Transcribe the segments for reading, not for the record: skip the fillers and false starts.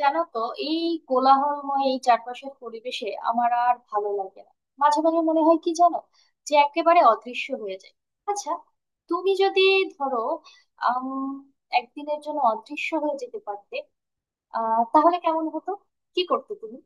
জানো তো এই কোলাহলময় এই চারপাশের পরিবেশে আমার আর ভালো লাগে না। মাঝে মাঝে মনে হয় কি জানো, যে একেবারে অদৃশ্য হয়ে যায়। আচ্ছা, তুমি যদি ধরো, আম, একদিনের জন্য অদৃশ্য হয়ে যেতে পারতে তাহলে কেমন হতো? কি করতে তুমি?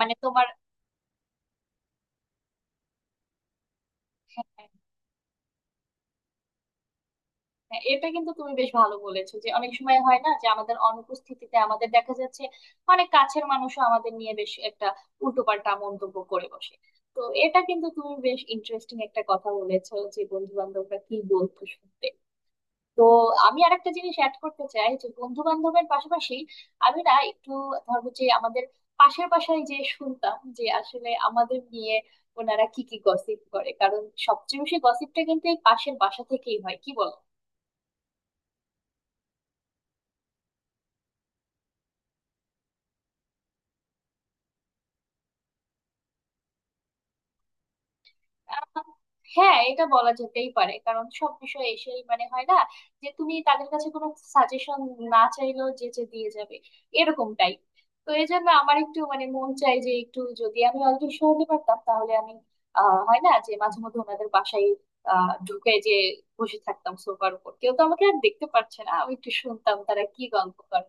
মানে তোমার, হ্যাঁ। হ্যাঁ, এটা কিন্তু তুমি বেশ ভালো বলেছো যে অনেক সময় হয় না যে আমাদের অনুপস্থিতিতে আমাদের দেখা যাচ্ছে অনেক কাছের মানুষও আমাদের নিয়ে বেশ একটা উল্টোপাল্টা মন্তব্য করে বসে। তো এটা কিন্তু তুমি বেশ ইন্টারেস্টিং একটা কথা বলেছো যে বন্ধু বান্ধবরা কি বলতো শুনতে। তো আমি আর একটা জিনিস অ্যাড করতে চাই, যে বন্ধু বান্ধবের পাশাপাশি আমি না একটু, ধরো যে আমাদের পাশের বাসায় যে শুনতাম যে আসলে আমাদের নিয়ে ওনারা কি কি গসিপ করে, কারণ সবচেয়ে বেশি গসিপটা কিন্তু এই পাশের বাসা থেকেই হয়, কি বল? আহ, হ্যাঁ, এটা বলা যেতেই পারে, কারণ সব বিষয় এসেই মানে হয় না যে তুমি তাদের কাছে কোনো সাজেশন না চাইলেও যে যে দিয়ে যাবে, এরকম টাইপ। তো এই জন্য আমার একটু মানে মন চাই যে একটু যদি আমি অদৃশ্য হতে পারতাম তাহলে আমি হয় না যে মাঝে মধ্যে ওনাদের বাসায় ঢুকে যে বসে থাকতাম সোফার উপর, কেউ তো আমাকে আর দেখতে পারছে না, আমি একটু শুনতাম তারা কি গল্প করে।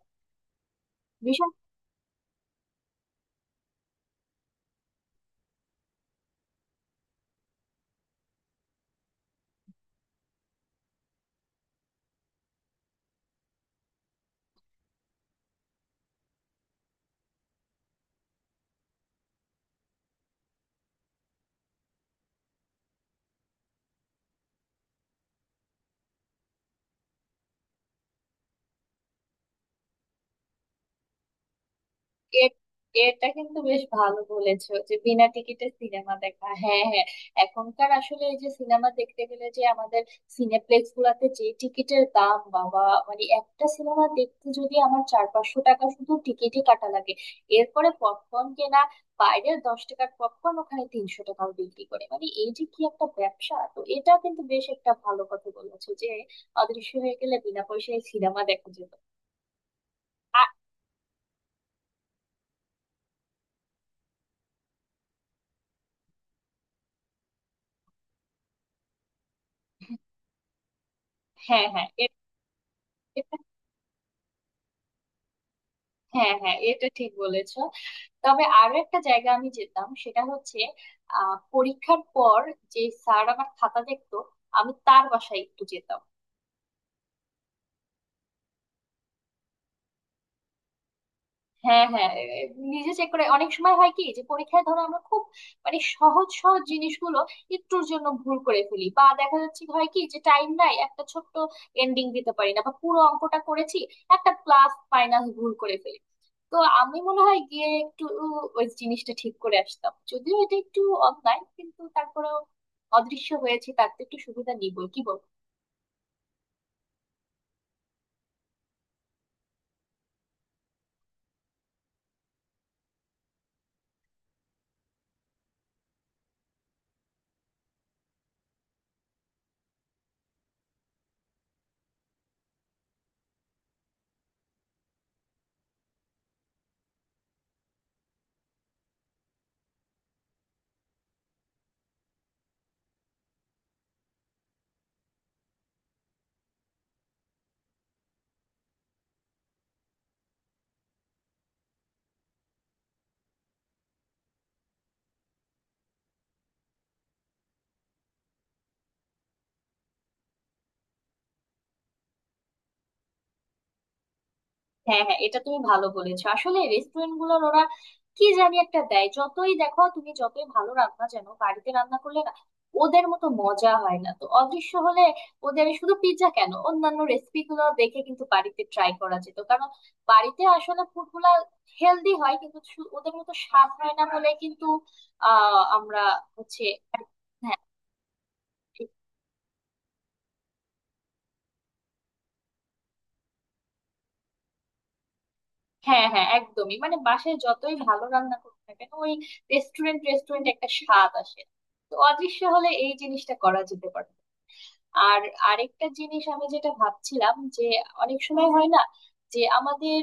এর এটা কিন্তু বেশ ভালো বলেছো যে বিনা টিকিটে সিনেমা দেখা, হ্যাঁ, হ্যাঁ। এখনকার আসলে এই যে সিনেমা দেখতে গেলে যে আমাদের সিনেপ্লেক্স গুলাতে যে টিকিটের দাম, বাবা! মানে একটা সিনেমা দেখতে যদি আমার চার পাঁচশো টাকা শুধু টিকিটই কাটা লাগে, এরপরে পপকর্ন কেনা, বাইরে দশ টাকার পপকর্ন ওখানে তিনশো টাকাও বিক্রি করে, মানে এই যে কি একটা ব্যবসা। তো এটা কিন্তু বেশ একটা ভালো কথা বলেছো যে অদৃশ্য হয়ে গেলে বিনা পয়সায় সিনেমা দেখা যেত। আর হ্যাঁ হ্যাঁ এ- হ্যাঁ, হ্যাঁ, এটা ঠিক বলেছো। তবে আরো একটা জায়গা আমি যেতাম, সেটা হচ্ছে পরীক্ষার পর যে স্যার আমার খাতা দেখতো, আমি তার বাসায় একটু যেতাম। হ্যাঁ, হ্যাঁ, নিজে চেক করে, অনেক সময় হয় কি যে পরীক্ষায় ধরো আমরা খুব মানে সহজ সহজ জিনিসগুলো একটুর জন্য ভুল করে ফেলি, বা দেখা যাচ্ছে হয় কি যে টাইম নাই একটা ছোট্ট এন্ডিং দিতে পারি না, বা পুরো অঙ্কটা করেছি একটা প্লাস মাইনাস ভুল করে ফেলি। তো আমি মনে হয় গিয়ে একটু ওই জিনিসটা ঠিক করে আসতাম, যদিও এটা একটু অন্যায়, কিন্তু তারপরেও অদৃশ্য হয়েছে তার তো একটু সুবিধা নিবই, কি বল? হ্যাঁ, হ্যাঁ, এটা তুমি ভালো বলেছো। আসলে রেস্টুরেন্ট গুলোর ওরা কি জানি একটা দেয়, যতই দেখো তুমি যতই ভালো রান্না জানো, বাড়িতে রান্না করলে না ওদের মতো মজা হয় না। তো অদৃশ্য হলে ওদের শুধু পিৎজা কেন, অন্যান্য রেসিপি গুলো দেখে কিন্তু বাড়িতে ট্রাই করা যেত। কারণ বাড়িতে আসলে ফুড গুলা হেলদি হয় কিন্তু ওদের মতো স্বাদ হয় না বলে কিন্তু আমরা হচ্ছে, হ্যাঁ হ্যাঁ। হ্যাঁ, একদমই, মানে বাসায় যতই ভালো রান্না করুক না কেন ওই রেস্টুরেন্ট রেস্টুরেন্ট একটা স্বাদ আসে। তো অদৃশ্য হলে এই জিনিসটা করা যেতে পারে। আর আরেকটা জিনিস আমি যেটা ভাবছিলাম যে অনেক সময় হয় না যে আমাদের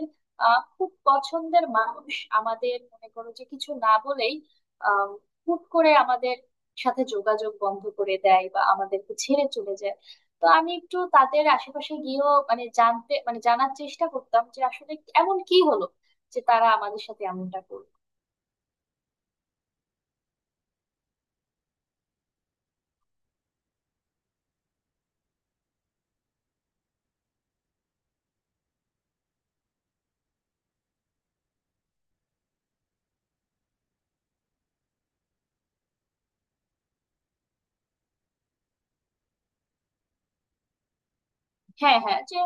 খুব পছন্দের মানুষ আমাদের, মনে করো যে কিছু না বলেই আহ, হুট করে আমাদের সাথে যোগাযোগ বন্ধ করে দেয় বা আমাদেরকে ছেড়ে চলে যায়। তো আমি একটু তাদের আশেপাশে গিয়েও মানে জানতে, মানে জানার চেষ্টা করতাম যে আসলে এমন কি হলো যে তারা আমাদের সাথে এমনটা করলো। হ্যাঁ, হ্যাঁ, যে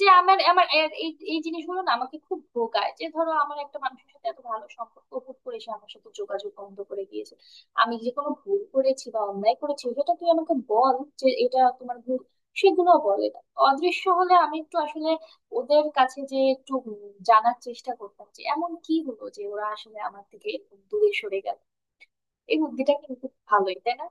যে আমার আমার এই এই জিনিসগুলো না আমাকে খুব ভোগায় যে ধরো আমার একটা মানুষের সাথে এত ভালো সম্পর্ক, হুট করে সে আমার সাথে যোগাযোগ বন্ধ করে দিয়েছে। আমি যে কোনো ভুল করেছি বা অন্যায় করেছি সেটা তুই আমাকে বল, যে এটা তোমার ভুল, সেগুলো বলে না। অদৃশ্য হলে আমি একটু আসলে ওদের কাছে যে একটু জানার চেষ্টা করতাম যে এমন কি হলো যে ওরা আসলে আমার থেকে দূরে সরে গেল। এই বুদ্ধিটা কিন্তু ভালোই, তাই না?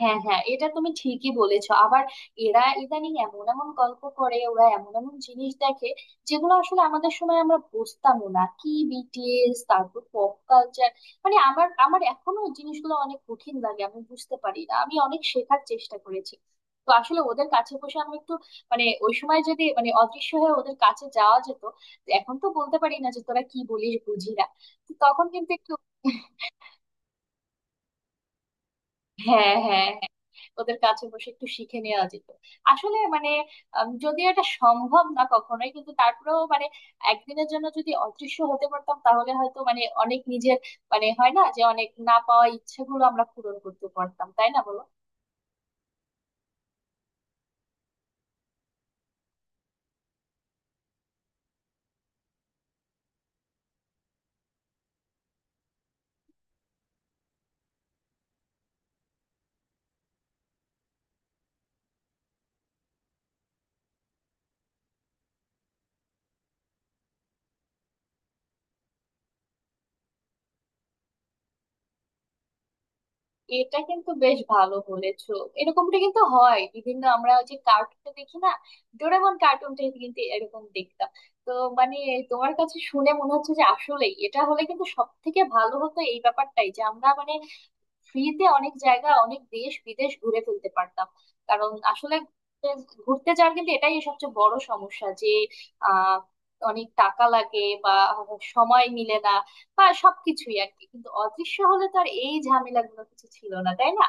হ্যাঁ, হ্যাঁ, এটা তুমি ঠিকই বলেছো। আবার এরা ইদানিং এমন এমন গল্প করে, ওরা এমন এমন জিনিস দেখে যেগুলো আসলে আমাদের সময় আমরা বুঝতামও না, কি বিটিএস, তারপর পপ কালচার, মানে আমার আমার এখনো ওই জিনিসগুলো অনেক কঠিন লাগে, আমি বুঝতে পারি না, আমি অনেক শেখার চেষ্টা করেছি। তো আসলে ওদের কাছে বসে আমি একটু, মানে ওই সময় যদি মানে অদৃশ্য হয়ে ওদের কাছে যাওয়া যেত, এখন তো বলতে পারি না যে তোরা কি বলিস বুঝি না, তো তখন কিন্তু একটু হ্যাঁ, হ্যাঁ। ওদের কাছে বসে একটু শিখে নেওয়া যেত। আসলে মানে যদিও এটা সম্ভব না কখনোই, কিন্তু তারপরেও মানে একদিনের জন্য যদি অদৃশ্য হতে পারতাম তাহলে হয়তো মানে অনেক নিজের, মানে হয় না যে অনেক না পাওয়া ইচ্ছেগুলো আমরা পূরণ করতে পারতাম, তাই না বলো? এটা কিন্তু বেশ ভালো বলেছো। এরকমটা কিন্তু হয় বিভিন্ন, আমরা ওই যে কার্টুন দেখি না, ডোরেমন কার্টুনটা কিন্তু এরকম দেখতাম। তো মানে তোমার কাছে শুনে মনে হচ্ছে যে আসলেই এটা হলে কিন্তু সব থেকে ভালো হতো এই ব্যাপারটাই যে আমরা মানে ফ্রিতে অনেক জায়গা অনেক দেশ বিদেশ ঘুরে ফেলতে পারতাম। কারণ আসলে ঘুরতে যাওয়ার কিন্তু এটাই সবচেয়ে বড় সমস্যা যে আহ অনেক টাকা লাগে, বা সময় মিলে না, বা সবকিছুই আর কি, কিন্তু অদৃশ্য হলে তো আর এই ঝামেলাগুলো কিছু ছিল না, তাই না?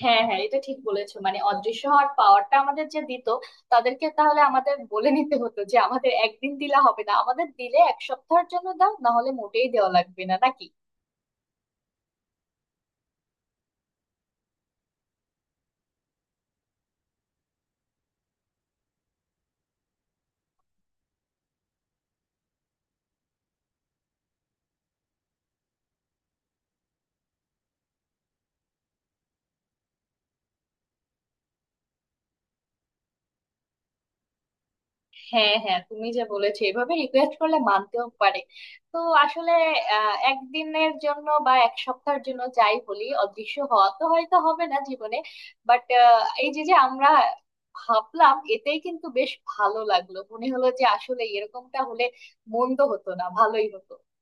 হ্যাঁ, হ্যাঁ, এটা ঠিক বলেছো। মানে অদৃশ্য হওয়ার পাওয়ারটা আমাদের যে দিত তাদেরকে তাহলে আমাদের বলে নিতে হতো যে আমাদের একদিন দিলে হবে না, আমাদের দিলে এক সপ্তাহের জন্য দাও, না হলে মোটেই দেওয়া লাগবে না নাকি। হ্যাঁ, হ্যাঁ, তুমি যে বলেছো এভাবে রিকোয়েস্ট করলে মানতেও পারে। তো আসলে একদিনের জন্য বা এক সপ্তাহের জন্য যাই বলি, অদৃশ্য হওয়া তো হয়তো হবে না জীবনে, বাট এই যে যে আমরা ভাবলাম এতেই কিন্তু বেশ ভালো লাগলো, মনে হলো যে আসলে এরকমটা হলে মন্দ হতো না, ভালোই হতো।